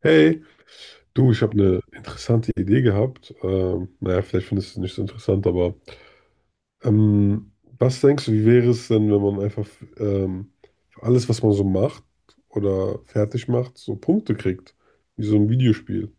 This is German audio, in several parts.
Hey, du, ich habe eine interessante Idee gehabt. Naja, vielleicht findest du es nicht so interessant, aber ähm, was denkst du, wie wäre es denn, wenn man einfach ähm, für alles, was man so macht oder fertig macht, so Punkte kriegt, wie so ein Videospiel?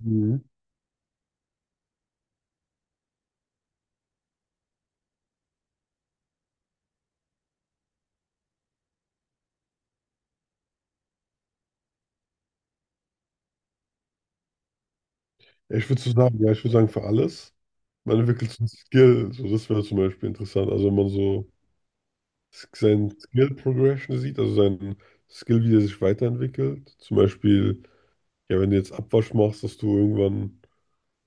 Mhm. Ich würde so sagen, ja, ich würde sagen, für alles. Man entwickelt so ein Skill, so das wäre zum Beispiel interessant. Also wenn man so seinen Skill Progression sieht, also seinen Skill, wie der sich weiterentwickelt. Zum Beispiel, ja, wenn du jetzt Abwasch machst, dass du irgendwann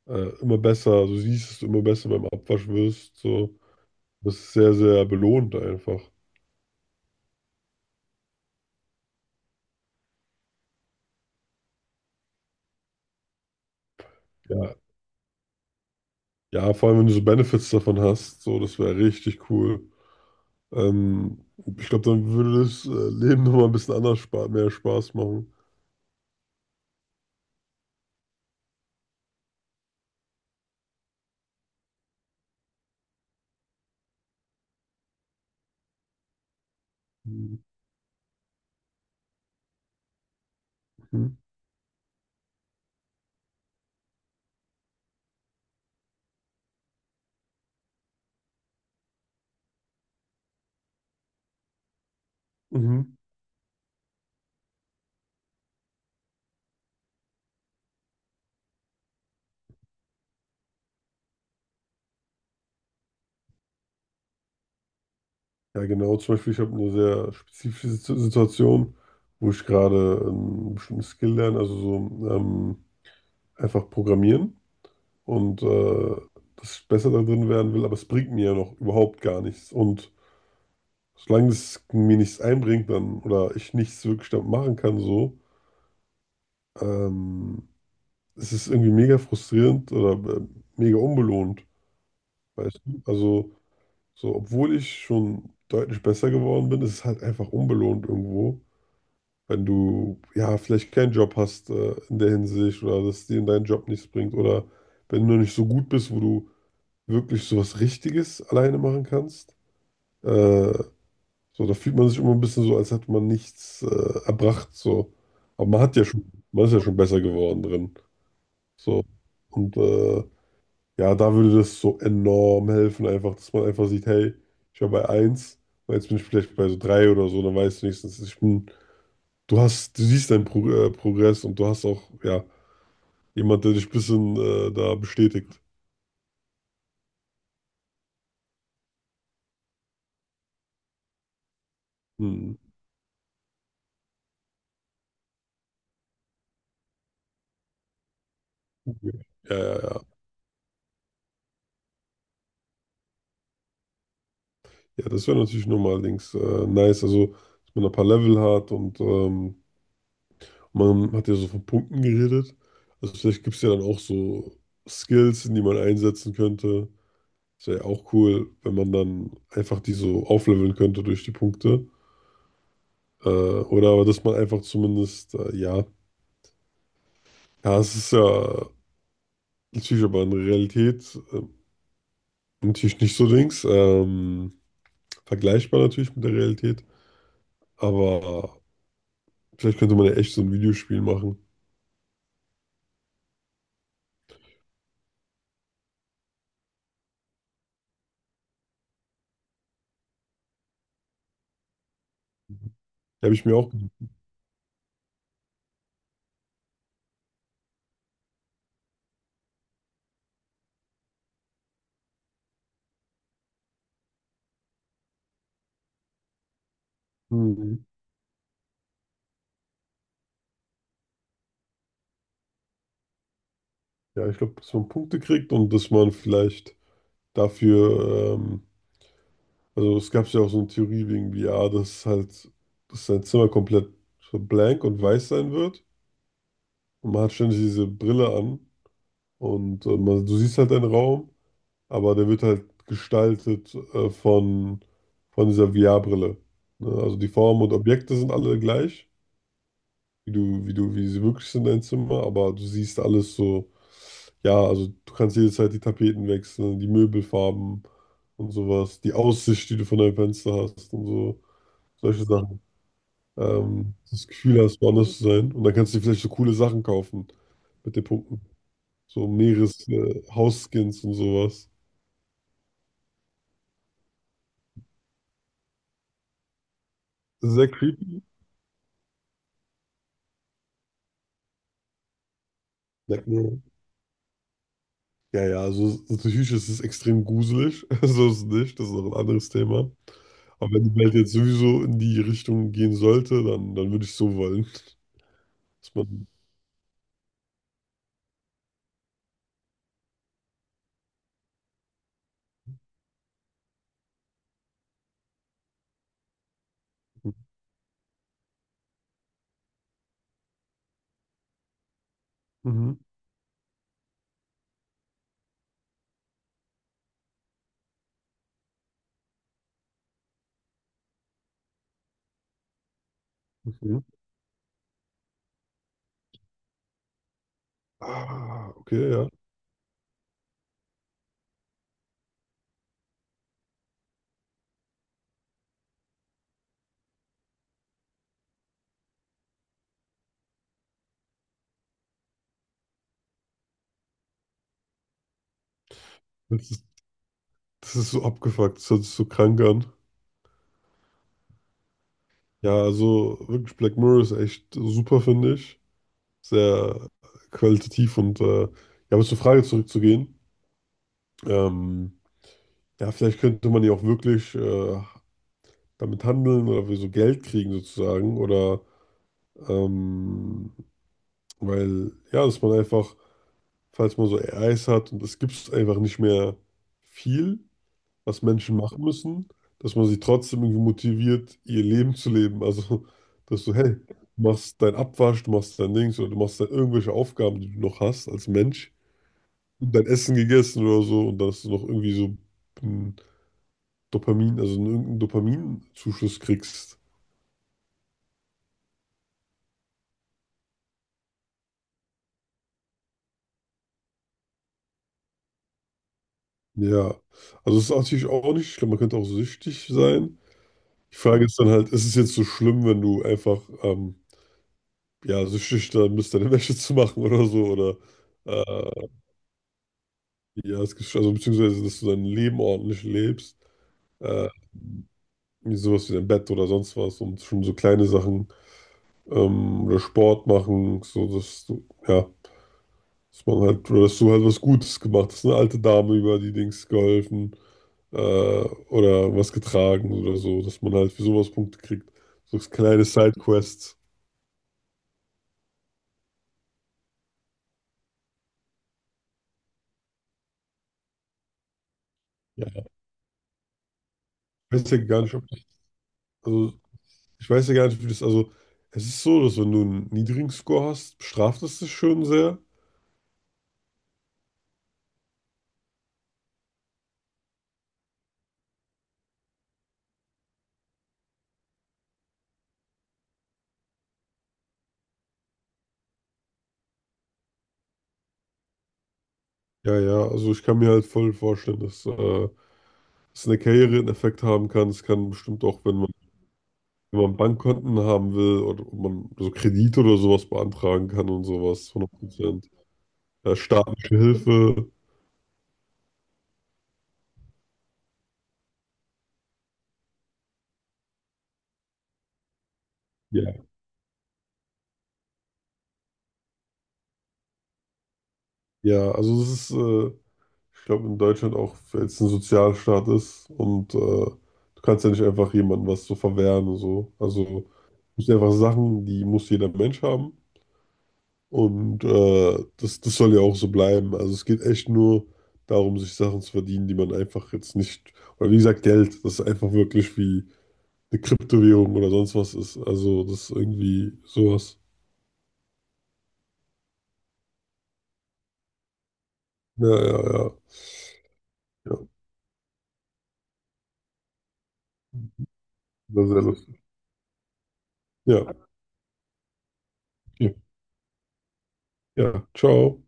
immer besser, du siehst es immer besser beim Abwasch wirst. So. Das ist sehr, sehr belohnt einfach. Ja, ja, vor allem, wenn du so Benefits davon hast, so, das wäre richtig cool. Ähm, Ich glaube, dann würde das Leben nochmal ein bisschen anders spa mehr Spaß machen. Mhm. Mhm. Ja, genau. Zum Beispiel, ich habe eine sehr spezifische Situation, wo ich gerade einen bestimmten Skill lerne, also so einfach programmieren. Und dass ich besser da drin werden will, aber es bringt mir ja noch überhaupt gar nichts. Und solange es mir nichts einbringt dann oder ich nichts wirklich damit machen kann, so, ähm, es ist irgendwie mega frustrierend oder mega unbelohnt, weißt du? Also, so, obwohl ich schon deutlich besser geworden bin, ist es halt einfach unbelohnt irgendwo. Wenn du ja vielleicht keinen Job hast in der Hinsicht oder dass dir dein Job nichts bringt oder wenn du noch nicht so gut bist, wo du wirklich so was Richtiges alleine machen kannst. Äh, so, da fühlt man sich immer ein bisschen so, als hätte man nichts erbracht. So. Aber man hat ja schon, man ist ja schon besser geworden drin. So. Und ja, da würde das so enorm helfen, einfach, dass man einfach sieht, hey, ich war bei eins, und jetzt bin ich vielleicht bei so 3 oder so, dann weißt du wenigstens, ich bin, du hast, du siehst deinen Progress und du hast auch, ja, jemand, der dich ein bisschen da bestätigt. Hm. Ja, ja, ja. Ja, das wäre natürlich nochmal links nice, also dass man ein paar Level hat und man hat ja so von Punkten geredet. Also vielleicht gibt es ja dann auch so Skills, die man einsetzen könnte. Das wäre ja auch cool, wenn man dann einfach die so aufleveln könnte durch die Punkte. Oder aber dass man einfach zumindest, ja, ja, es ist ja natürlich aber in der Realität natürlich nicht so links. Vergleichbar natürlich mit der Realität, aber vielleicht könnte man ja echt so ein Videospiel machen. Ja, Habe ich mir auch. Hm. Ja, ich glaube, dass man Punkte kriegt und dass man vielleicht dafür, also es gab ja auch so eine Theorie wegen VR, dass halt, dass sein Zimmer komplett so blank und weiß sein wird. Und man hat ständig diese Brille an und man, du siehst halt einen Raum, aber der wird halt gestaltet von dieser VR-Brille. Ne? Also die Formen und Objekte sind alle gleich, wie du, wie sie wirklich sind, dein Zimmer, aber du siehst alles so, ja, also du kannst jederzeit die Tapeten wechseln, die Möbelfarben und sowas, die Aussicht, die du von deinem Fenster hast und so, solche Sachen. Das Gefühl hast, woanders zu sein. Und dann kannst du dir vielleicht so coole Sachen kaufen mit den Punkten. So Meeres, Hausskins und sowas. Sehr creepy. Merkt man. Ja, ja, also natürlich ist es extrem gruselig. So ist es nicht. Das ist noch ein anderes Thema. Aber wenn die Welt jetzt sowieso in die Richtung gehen sollte, dann, dann würde ich so wollen. Dass man. Mhm. Okay. Ah, okay, ja. Das ist, das ist so abgefuckt. Das hört sich so krank an. Ja, also wirklich Black Mirror ist echt super, finde ich. Sehr qualitativ und ja, aber zur Frage zurückzugehen. Ähm, ja, vielleicht könnte man ja auch wirklich damit handeln oder für so Geld kriegen sozusagen. Oder ähm, weil, ja, dass man einfach, falls man so AIs hat und es gibt einfach nicht mehr viel, was Menschen machen müssen, dass man sie trotzdem irgendwie motiviert, ihr Leben zu leben. Also, dass du, hey, du machst dein Abwasch, du machst dein Dings oder du machst dann irgendwelche Aufgaben, die du noch hast als Mensch und dein Essen gegessen oder so und dass du noch irgendwie so ein Dopamin, also einen- irgendeinen Dopaminzuschuss kriegst. Ja, also es ist natürlich auch nicht schlimm, man könnte auch süchtig sein. Die Frage ist dann halt, ist es jetzt so schlimm, wenn du einfach ja, süchtig dann bist, deine Wäsche zu machen oder so, oder äh, ja, es gibt, also beziehungsweise, dass du dein Leben ordentlich lebst, äh, wie sowas wie dein Bett oder sonst was und schon so kleine Sachen oder Sport machen, so dass du, ja, dass man halt, oder dass du halt was Gutes gemacht hast, eine alte Dame über die Dings geholfen. äh, oder was getragen oder so, dass man halt für sowas Punkte kriegt. So kleine Sidequests. Ja. Ich weiß ja gar nicht, ob, das, also ich weiß ja gar nicht, wie das, also es ist so, dass wenn du einen niedrigen Score hast, bestraft es dich schon sehr. Ja, ja, also ich kann mir halt voll vorstellen, dass es in Karriere einen Effekt haben kann. Es kann bestimmt auch, wenn man, wenn man Bankkonten haben will oder ob man so Kredite oder sowas beantragen kann und sowas, 100%. Ja, staatliche Hilfe. Ja, ja, also es ist, ich glaube, in Deutschland auch, weil es ein Sozialstaat ist und du kannst ja nicht einfach jemandem was so verwehren und so. Also es sind einfach Sachen, die muss jeder Mensch haben und das soll ja auch so bleiben. Also es geht echt nur darum, sich Sachen zu verdienen, die man einfach jetzt nicht, oder wie gesagt, Geld, das ist einfach wirklich wie eine Kryptowährung oder sonst was ist. Also das ist irgendwie sowas. Ja, ja, ja, ja. Sehr, lustig. Ja, okay. Ja, ciao.